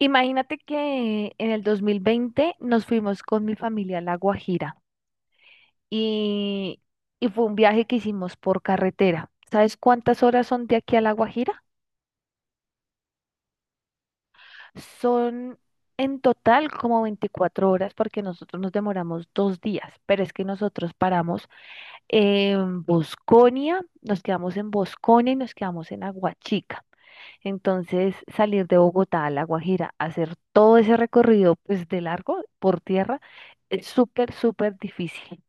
Imagínate que en el 2020 nos fuimos con mi familia a La Guajira y, y fue un viaje que hicimos por carretera. ¿Sabes cuántas horas son de aquí a La Guajira? Son en total como 24 horas porque nosotros nos demoramos dos días, pero es que nosotros paramos en Bosconia, nos quedamos en Bosconia y nos quedamos en Aguachica. Entonces, salir de Bogotá a La Guajira, hacer todo ese recorrido, pues de largo por tierra, es súper, súper difícil,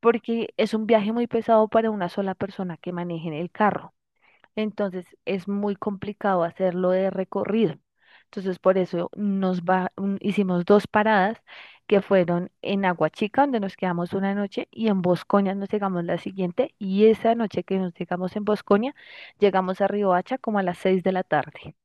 porque es un viaje muy pesado para una sola persona que maneje en el carro. Entonces, es muy complicado hacerlo de recorrido. Entonces, por eso nos va, mm, hicimos dos paradas que fueron en Aguachica, donde nos quedamos una noche, y en Bosconia nos llegamos la siguiente, y esa noche que nos llegamos en Bosconia, llegamos a Riohacha como a las 6 de la tarde.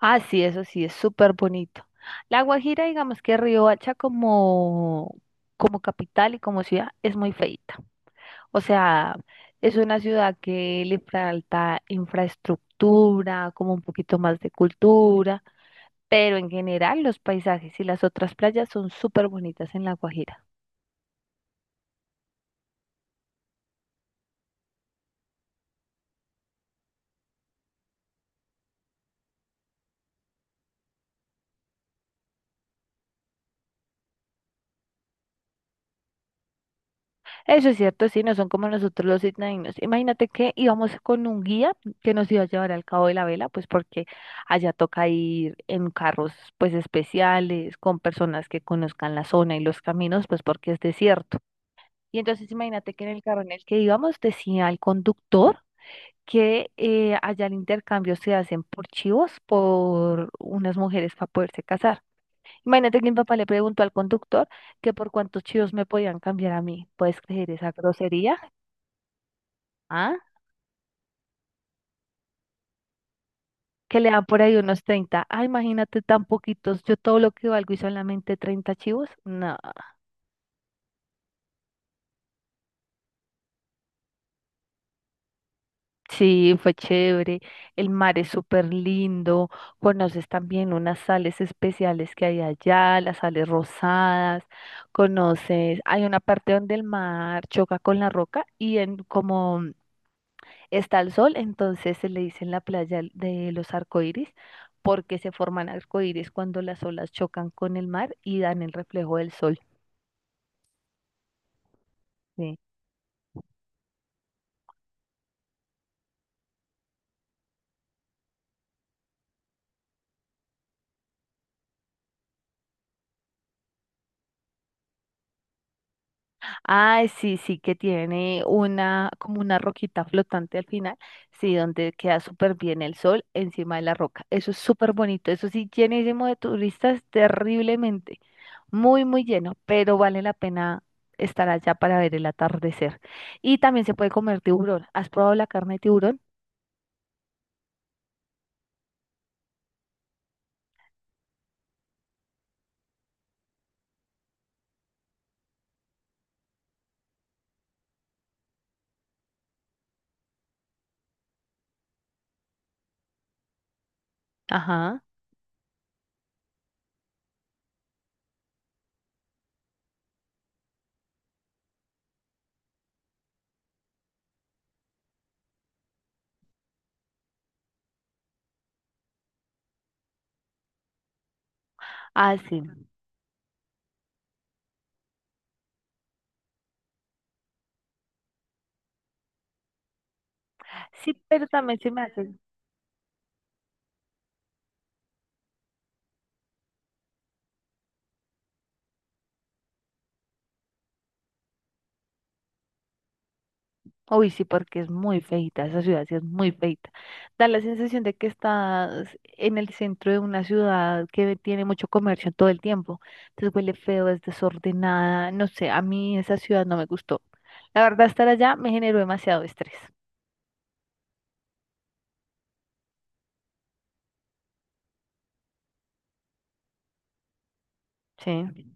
Ah, sí, eso sí, es súper bonito. La Guajira, digamos que Riohacha como, como capital y como ciudad es muy feita. O sea, es una ciudad que le falta infraestructura, como un poquito más de cultura, pero en general los paisajes y las otras playas son súper bonitas en La Guajira. Eso es cierto, sí, no son como nosotros los isnadinos. Imagínate que íbamos con un guía que nos iba a llevar al Cabo de la Vela, pues porque allá toca ir en carros pues especiales, con personas que conozcan la zona y los caminos, pues porque es desierto. Y entonces imagínate que en el carro en el que íbamos decía el conductor que allá el intercambio se hacen por chivos, por unas mujeres para poderse casar. Imagínate que mi papá le preguntó al conductor que por cuántos chivos me podían cambiar a mí. ¿Puedes creer esa grosería? ¿Ah? Que le dan por ahí unos 30. Ah, imagínate tan poquitos. Yo todo lo que valgo y solamente 30 chivos. No, sí, fue chévere. El mar es súper lindo. Conoces también unas sales especiales que hay allá, las sales rosadas. Conoces, hay una parte donde el mar choca con la roca y en como está el sol, entonces se le dice en la playa de los arcoíris, porque se forman arcoíris cuando las olas chocan con el mar y dan el reflejo del sol. Sí. Ah, sí, sí, que tiene una, como una roquita flotante al final, sí, donde queda súper bien el sol encima de la roca. Eso es súper bonito, eso sí, llenísimo de turistas, terriblemente, muy, muy lleno, pero vale la pena estar allá para ver el atardecer. Y también se puede comer tiburón. ¿Has probado la carne de tiburón? Ajá. Ah, sí. Sí, pero también se me hace. Uy, sí, porque es muy feita, esa ciudad sí es muy feita. Da la sensación de que estás en el centro de una ciudad que tiene mucho comercio todo el tiempo. Entonces huele feo, es desordenada, no sé, a mí esa ciudad no me gustó. La verdad, estar allá me generó demasiado estrés. Sí.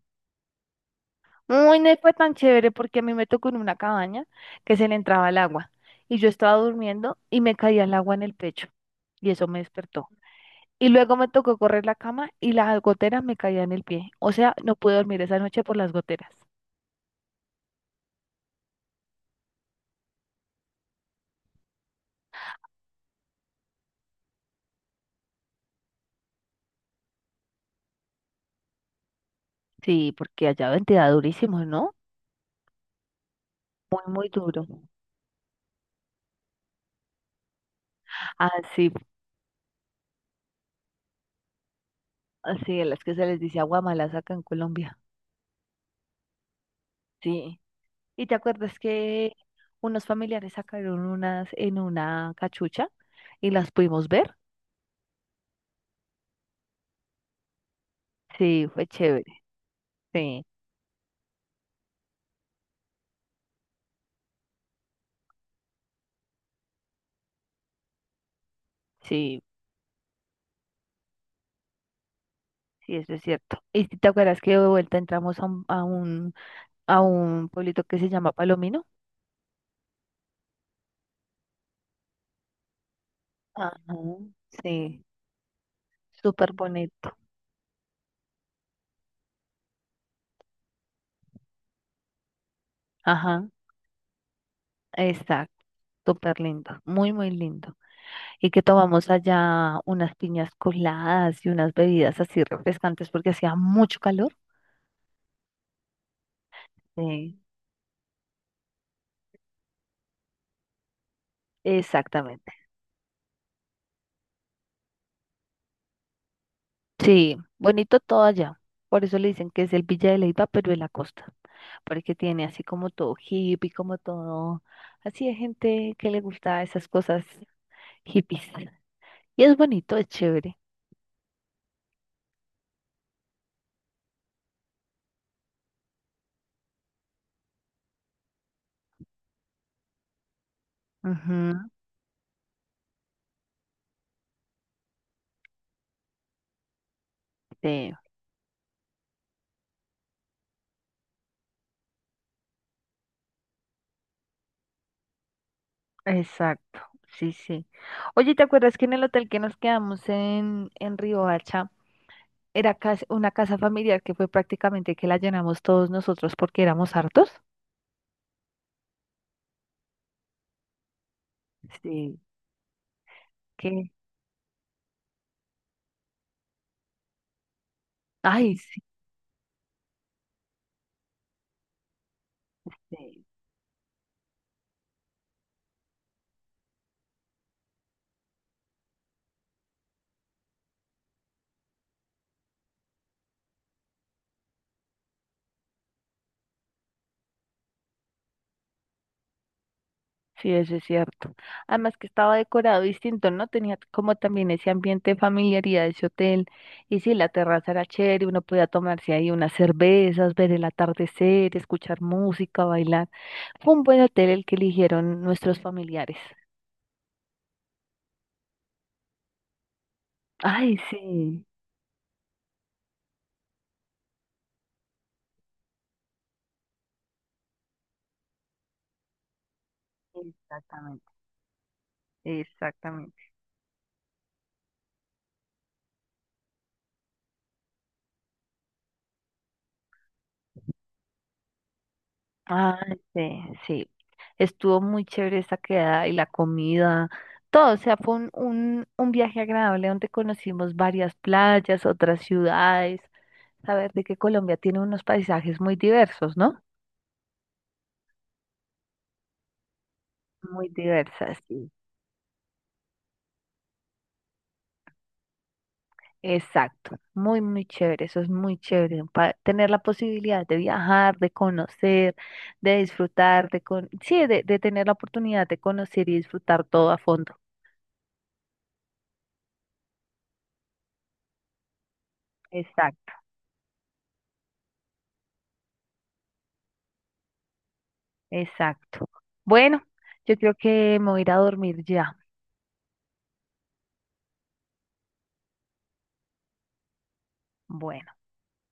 Uy, no fue tan chévere porque a mí me tocó en una cabaña que se le entraba el agua y yo estaba durmiendo y me caía el agua en el pecho y eso me despertó. Y luego me tocó correr la cama y las goteras me caían en el pie. O sea, no pude dormir esa noche por las goteras. Sí, porque allá ven, te da durísimo, ¿no? Muy, muy duro. Ah sí, así, a las que se les dice agua mala acá en Colombia. Sí. ¿Y te acuerdas que unos familiares sacaron unas en una cachucha y las pudimos ver? Sí, fue chévere. Sí, sí, sí, eso es cierto. ¿Y te acuerdas que de vuelta entramos a a un pueblito que se llama Palomino? Ajá, sí, súper bonito. Ajá, exacto, súper lindo, muy, muy lindo. Y que tomamos allá unas piñas coladas y unas bebidas así refrescantes porque hacía mucho calor. Sí, exactamente. Sí, bonito todo allá. Por eso le dicen que es el Villa de Leyva, pero de la costa, porque tiene así como todo hippie, como todo, así de gente que le gusta esas cosas hippies. Y es bonito, es chévere. Ujú, sí. Exacto, sí, sí. Oye, ¿te acuerdas que en el hotel que nos quedamos en Riohacha era una casa familiar que fue prácticamente que la llenamos todos nosotros porque éramos hartos? Sí, que Ay, sí, sí, sí, eso es cierto. Además que estaba decorado distinto, ¿no? Tenía como también ese ambiente de familiaridad de ese hotel. Y sí, la terraza era chévere, uno podía tomarse ahí unas cervezas, ver el atardecer, escuchar música, bailar. Fue un buen hotel el que eligieron nuestros familiares. Ay, sí, exactamente, exactamente. Ay, sí, sí. Estuvo muy chévere esa quedada y la comida, todo. O sea, fue un viaje agradable donde conocimos varias playas, otras ciudades. Saber de que Colombia tiene unos paisajes muy diversos, ¿no? Muy diversas, sí. Exacto, muy, muy chévere, eso es muy chévere, tener la posibilidad de viajar, de conocer, de disfrutar, de con sí, de tener la oportunidad de conocer y disfrutar todo a fondo. Exacto, exacto. Bueno, yo creo que me voy a ir a dormir ya. Bueno.